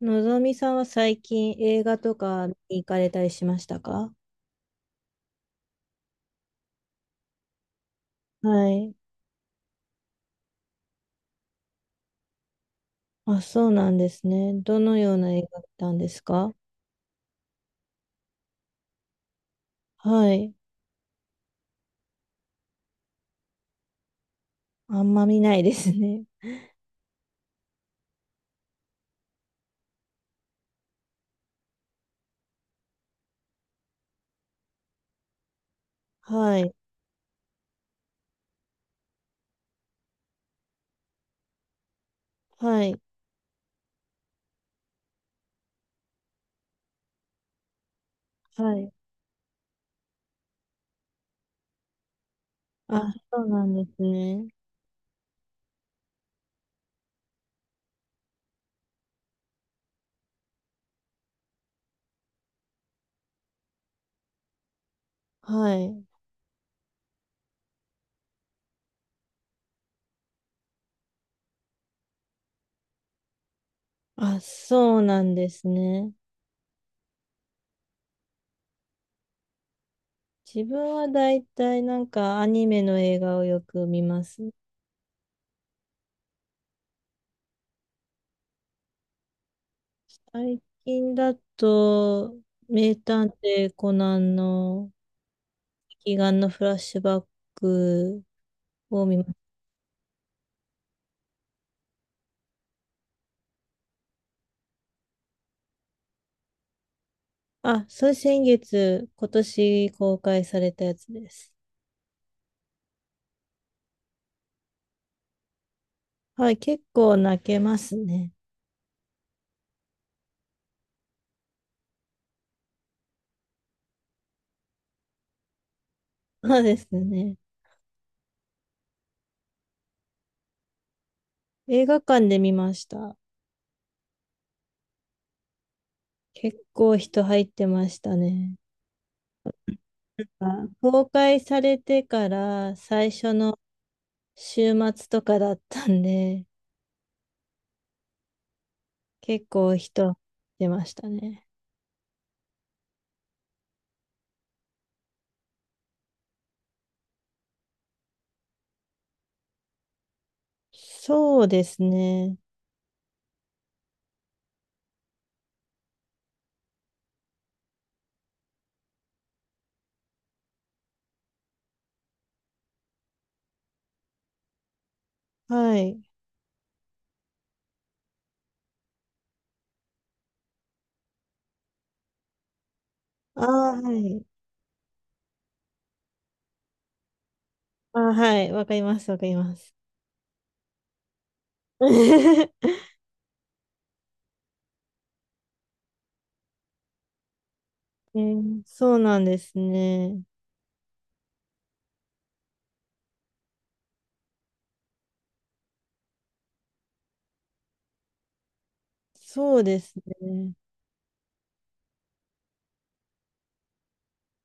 のぞみさんは最近映画とかに行かれたりしましたか？はい。あ、そうなんですね。どのような映画見たんですか？はい。あんま見ないですね。はい。はい。はい。あ、そうなんですね。はい。あ、そうなんですね。自分はだいたいなんかアニメの映画をよく見ます。最近だと、名探偵コナンの、悲願のフラッシュバックを見ます。あ、それ先月、今年公開されたやつです。はい、結構泣けますね。そうですね。映画館で見ました。結構人入ってましたね。あ、公開されてから最初の週末とかだったんで、結構人出ましたね。そうですね。はい。ああ、はい。ああ、はい。わかります、わかります。えそうなんですね。そうですね。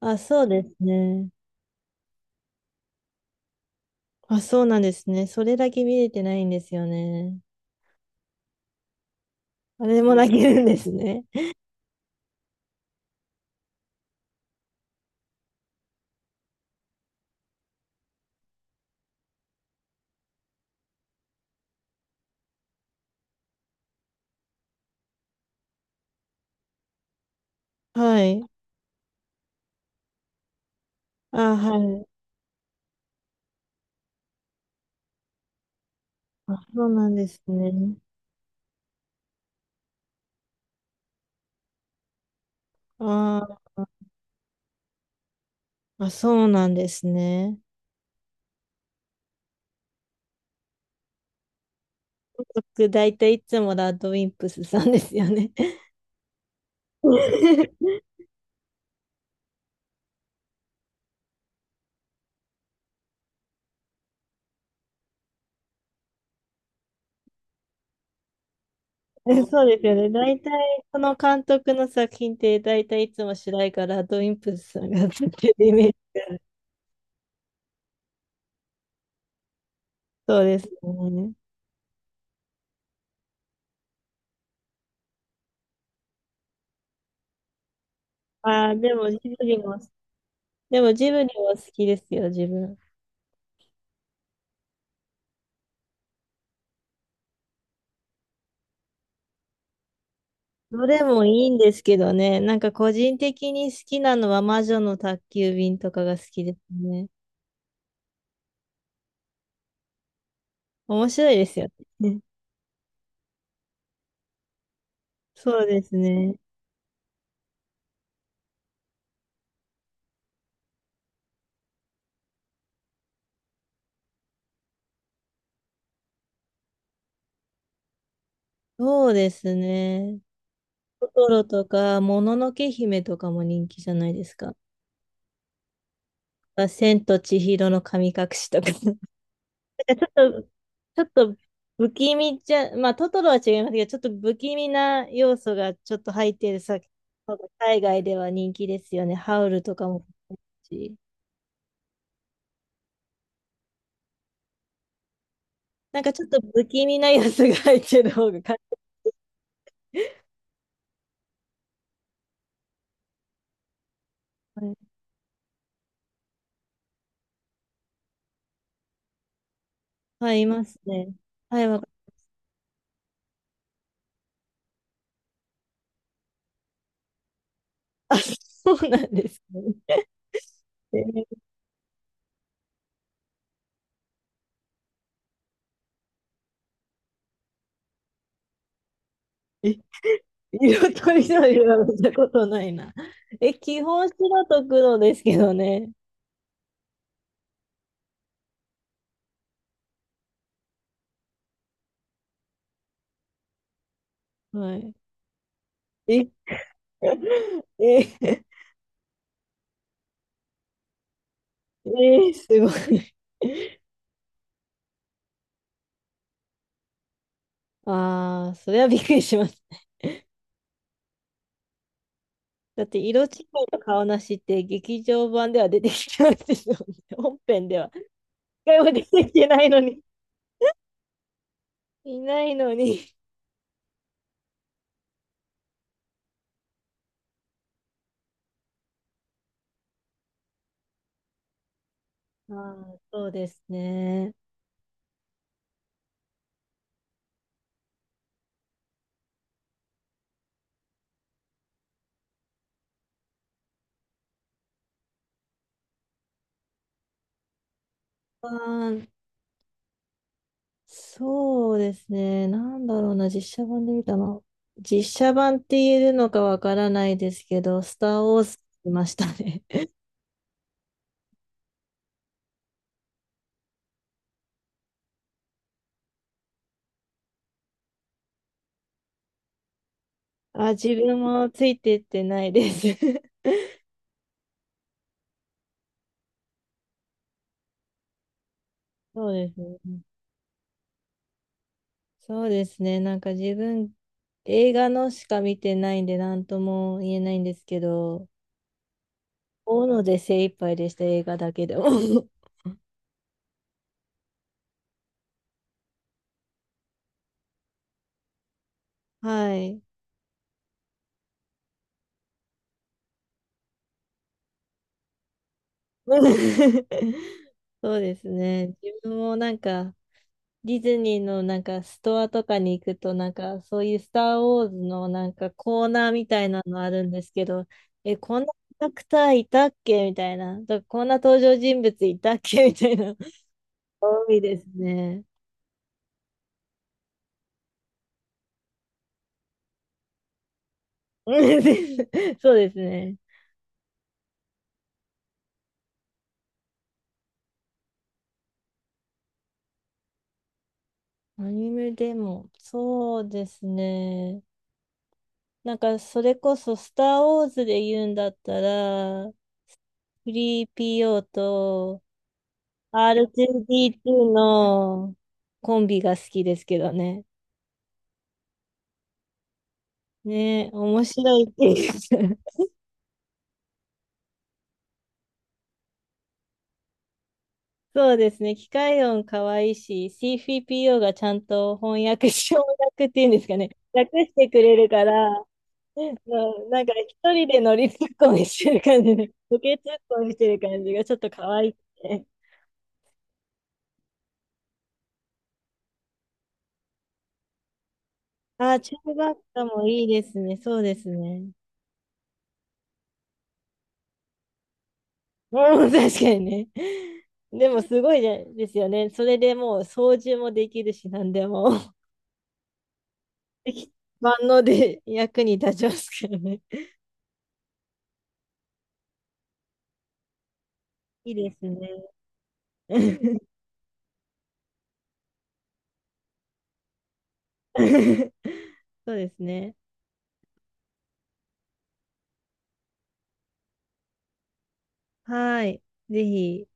あ、そうですね。あ、そうなんですね。それだけ見れてないんですよね。あれも泣けるんですね。はい。あ、はい。あ、そうなんですね。あー、あ、そうなんですね。僕、大体いつもラッドウィンプスさんですよね。そうですよね。大体、この監督の作品って、大体いつも主題歌、ラッドウィンプスさんが作ってるイメージが。そうですね。ああ、でも、ジブリも好きですよ、自分。どれもいいんですけどね。なんか個人的に好きなのは魔女の宅急便とかが好きですね。面白いですよね。そうですね。そうですね。トトロとか、もののけ姫とかも人気じゃないですか？あ、千と千尋の神隠しとか。と、ちょっと不気味じゃ、まあ、トトロは違いますけど、ちょっと不気味な要素がちょっと入ってる作品の方が海外では人気ですよね。ハウルとかもそうですし。なんかちょっと不気味な要素が入ってる方がか、はい。はい、いますね。はい、わかあ、そうなんですね。えー、色とりどりは見たことないな。え、基本白と黒ですけどね。はい。え、え、えすごい。ああ、それはびっくりします。だって、色違いの顔なしって劇場版では出てきてないですよね。本編では。一回も出てきてないのに。いないのに。ああ、そうですね。あー、そうですね。なんだろうな、実写版で見たの。実写版って言えるのかわからないですけど、スター・ウォーズ見ましたね。あ、自分もついてってないです。そうですね。そうですね。なんか自分、映画のしか見てないんで、なんとも言えないんですけど、大野ので精一杯でした、映画だけでも。はい。そうですね。自分もなんか、ディズニーのなんかストアとかに行くと、なんかそういうスター・ウォーズのなんかコーナーみたいなのあるんですけど、え、こんなキャラクターいたっけみたいな。とかこんな登場人物いたっけみたいな。多いですね。うん、で、 そうですね。アニメでも、そうですね。なんか、それこそ、スター・ウォーズで言うんだったら、フリー p o と R2D2 のコンビが好きですけどね。ね、面白いっていうか。そうですね。機械音可愛いし、c f p o がちゃんと翻訳し、翻訳っていうんですかね。訳してくれるから、うん、なんか一人で乗りツッコミしてる感じで、ボケツッコミしてる感じがちょっと可愛くて。ああ、チューバッカもいいですね。そうですね。うん、確かにね。でもすごいですよね。それでもう操縦もできるし、何でも。万能で役に立ちますからね。いいですね。そうですね。はい。ぜひ、